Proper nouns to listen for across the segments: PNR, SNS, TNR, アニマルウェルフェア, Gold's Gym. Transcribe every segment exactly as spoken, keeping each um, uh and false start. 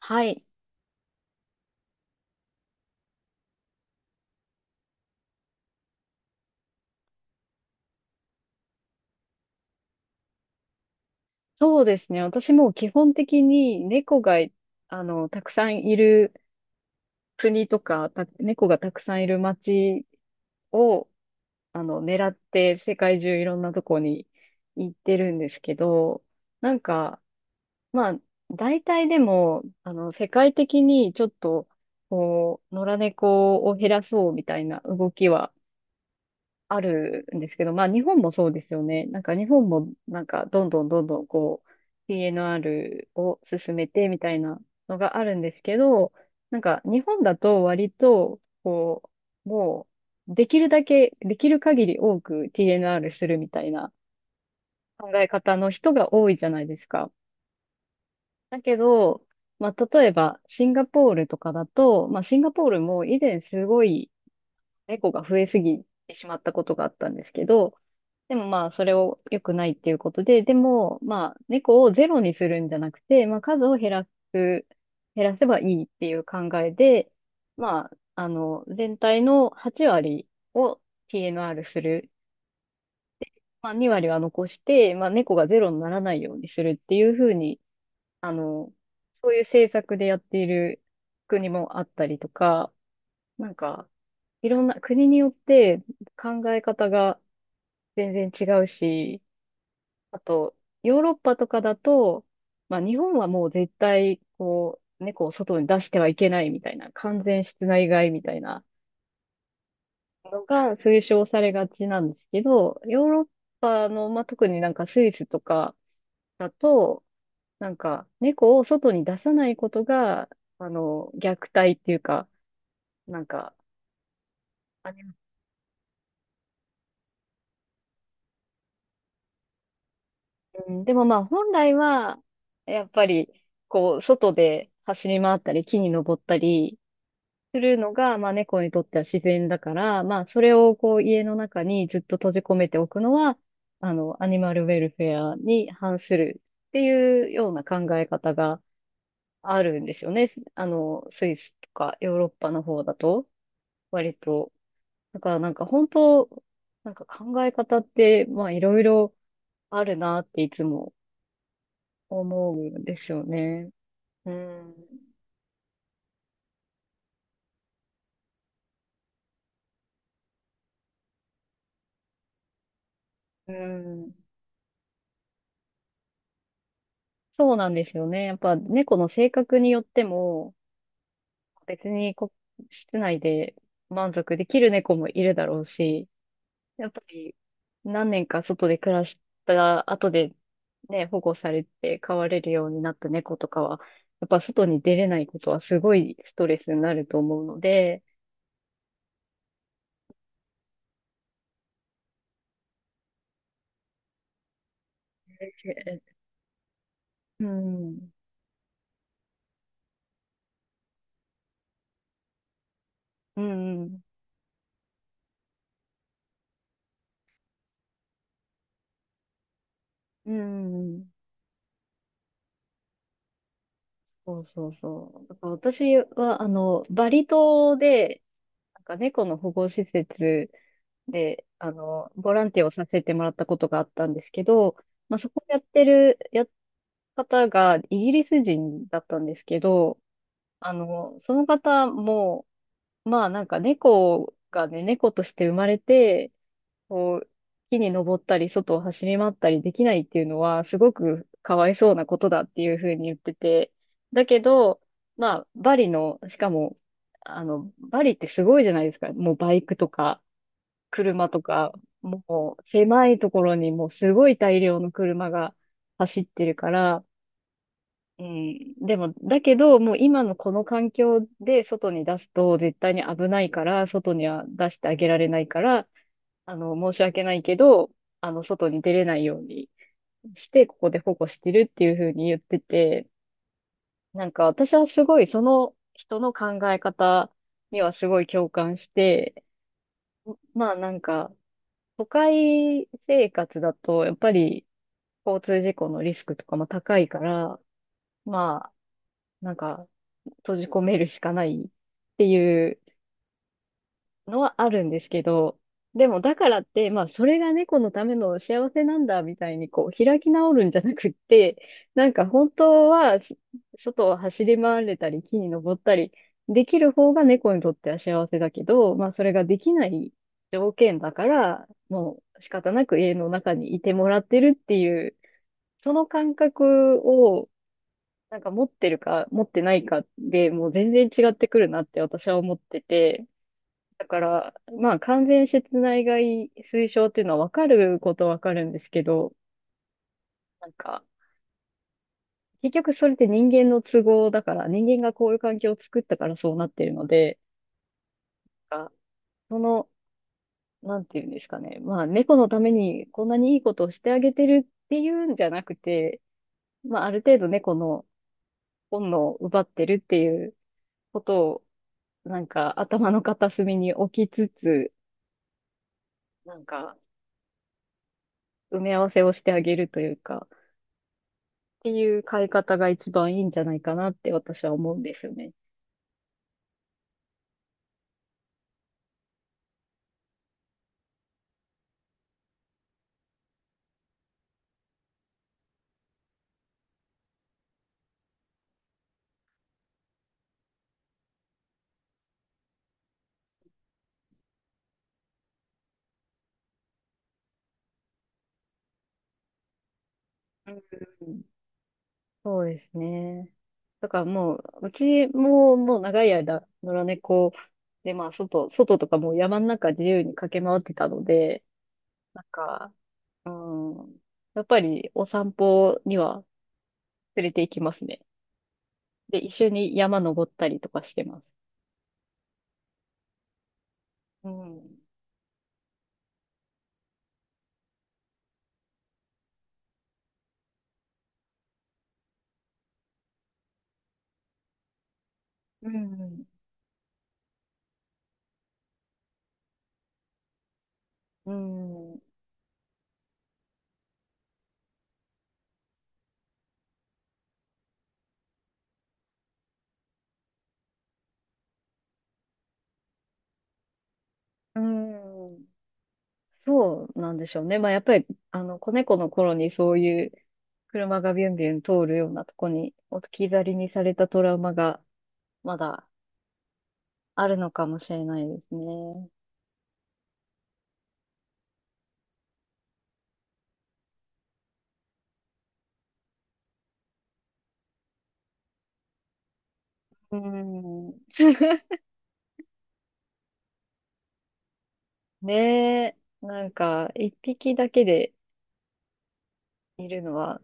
はい。そうですね。私も基本的に猫が、あの、たくさんいる国とか、た猫がたくさんいる街を、あの、狙って世界中いろんなとこに行ってるんですけど、なんか、まあ、大体でも、あの、世界的にちょっと、こう、野良猫を減らそうみたいな動きはあるんですけど、まあ日本もそうですよね。なんか日本もなんかどんどんどんどんこう ピーエヌアール を進めてみたいなのがあるんですけど、なんか日本だと割とこう、もうできるだけ、できる限り多く ティーエヌアール するみたいな考え方の人が多いじゃないですか。だけど、まあ例えばシンガポールとかだと、まあシンガポールも以前すごい猫が増えすぎてしまったことがあったんですけど、でもまあ、それを良くないっていうことで、でもまあ、猫をゼロにするんじゃなくて、まあ、数を減らす、減らせばいいっていう考えで、まあ、あの、全体のはち割を ティーエヌアール する。まあ、に割は残して、まあ、猫がゼロにならないようにするっていうふうに、あの、そういう政策でやっている国もあったりとか、なんか、いろんな国によって考え方が全然違うし、あと、ヨーロッパとかだと、まあ日本はもう絶対、こう、猫を外に出してはいけないみたいな、完全室内飼いみたいなのが推奨されがちなんですけど、ヨーロッパの、まあ特になんかスイスとかだと、なんか猫を外に出さないことが、あの、虐待っていうか、なんか、うん、でもまあ本来は、やっぱり、こう、外で走り回ったり、木に登ったりするのが、まあ猫にとっては自然だから、まあそれをこう家の中にずっと閉じ込めておくのは、あの、アニマルウェルフェアに反するっていうような考え方があるんですよね。あの、スイスとかヨーロッパの方だと、割と。だからなんか本当、なんか考え方って、まあいろいろあるなっていつも思うんですよね。うん。うん。そうなんですよね。やっぱ猫の性格によっても、別にこ、室内で満足できる猫もいるだろうし、やっぱり何年か外で暮らした後でね、保護されて飼われるようになった猫とかは、やっぱ外に出れないことはすごいストレスになると思うので、うん、うん、うん、うん。そうそうそう。だから私は、あの、バリ島で、なんか猫の保護施設で、あの、ボランティアをさせてもらったことがあったんですけど、まあ、そこやってる、や、方がイギリス人だったんですけど、あの、その方も、まあなんか猫がね、猫として生まれて、こう、木に登ったり、外を走り回ったりできないっていうのは、すごくかわいそうなことだっていうふうに言ってて、だけど、まあ、バリの、しかも、あの、バリってすごいじゃないですか。もうバイクとか、車とか、もう狭いところにもうすごい大量の車が走ってるから、うん、でも、だけど、もう今のこの環境で外に出すと絶対に危ないから、外には出してあげられないから、あの、申し訳ないけど、あの、外に出れないようにして、ここで保護してるっていうふうに言ってて、なんか私はすごいその人の考え方にはすごい共感して、まあなんか、都会生活だと、やっぱり交通事故のリスクとかも高いから、まあ、なんか、閉じ込めるしかないっていうのはあるんですけど、でもだからって、まあそれが猫のための幸せなんだみたいにこう開き直るんじゃなくって、なんか本当はし外を走り回れたり木に登ったりできる方が猫にとっては幸せだけど、まあそれができない条件だから、もう仕方なく家の中にいてもらってるっていう、その感覚をなんか持ってるか持ってないかでもう全然違ってくるなって私は思ってて、だから、まあ完全室内外推奨っていうのはわかることはわかるんですけど、なんか、結局それって人間の都合だから、人間がこういう環境を作ったからそうなってるので、あその、なんていうんですかね。まあ猫のためにこんなにいいことをしてあげてるっていうんじゃなくて、まあある程度猫の本能を奪ってるっていうことを、なんか頭の片隅に置きつつ、なんか埋め合わせをしてあげるというか、ていう買い方が一番いいんじゃないかなって私は思うんですよね。うん。そうですね。だからもう、うちももう長い間、野良猫で、まあ外、外とかもう山の中自由に駆け回ってたので、なんか、うん、やっぱりお散歩には連れて行きますね。で、一緒に山登ったりとかしてます。うん。うんうん。うん。そうなんでしょうね。まあ、やっぱり、あの、子猫の頃にそういう車がビュンビュン通るようなとこに置き去りにされたトラウマがまだあるのかもしれないですね。うん。ねえ、なんか、一匹だけでいるのは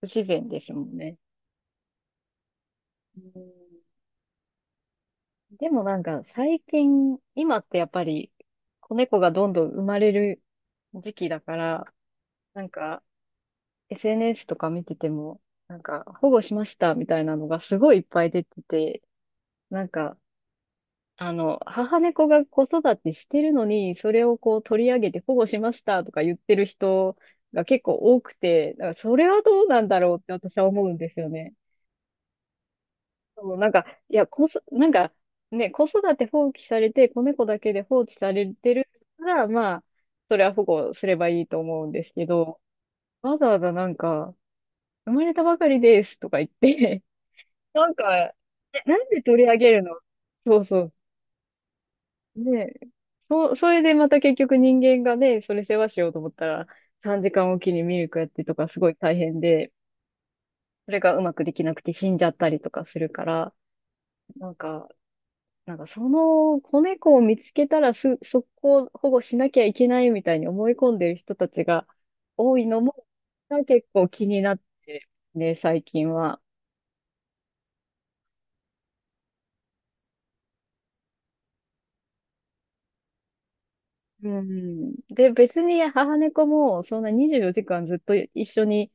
不自然ですもんね。うん。でもなんか、最近、今ってやっぱり、子猫がどんどん生まれる時期だから、なんか、エスエヌエス とか見てても、なんか、保護しましたみたいなのがすごいいっぱい出てて、なんか、あの、母猫が子育てしてるのに、それをこう取り上げて保護しましたとか言ってる人が結構多くて、だからそれはどうなんだろうって私は思うんですよね。そうなんか、いや、こそ、なんか、ね、子育て放棄されて、子猫だけで放置されてるから、まあ、それは保護すればいいと思うんですけど、わざわざなんか、生まれたばかりですとか言って、なんか、えなんで取り上げるの。そうそう。ねえ、そう、それでまた結局人間がね、それ世話しようと思ったら、さんじかんおきにミルクやってとかすごい大変で、それがうまくできなくて死んじゃったりとかするから、なんか、なんかその子猫を見つけたらす、速攻保護しなきゃいけないみたいに思い込んでる人たちが多いのも、結構気になってね、最近は。うん。で、別に母猫もそんなにじゅうよじかんずっと一緒に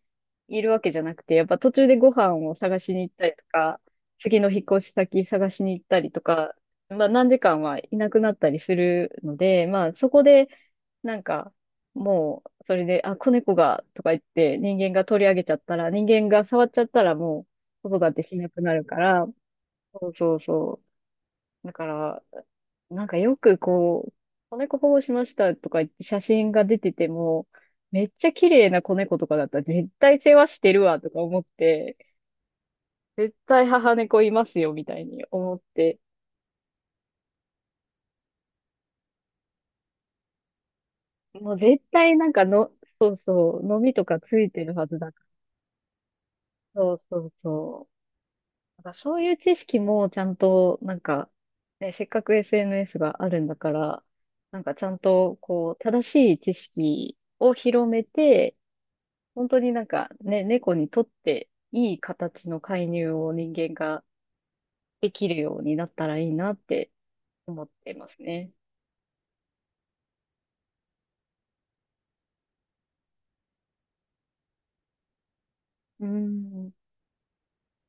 いるわけじゃなくて、やっぱ途中でご飯を探しに行ったりとか、次の引っ越し先探しに行ったりとか、まあ何時間はいなくなったりするので、まあそこでなんかもうそれで、あ、子猫がとか言って人間が取り上げちゃったら、人間が触っちゃったらもう子育てしなくなるから、そうそうそう。だから、なんかよくこう、子猫保護しましたとか言って写真が出てても、めっちゃ綺麗な子猫とかだったら絶対世話してるわとか思って、絶対母猫いますよみたいに思って、もう絶対なんかの、そうそう、のみとかついてるはずだから。そうそうそう。なんかそういう知識もちゃんと、なんか、ね、せっかく エスエヌエス があるんだから、なんかちゃんとこう、正しい知識を広めて、本当になんかね、猫にとっていい形の介入を人間ができるようになったらいいなって思ってますね。うん。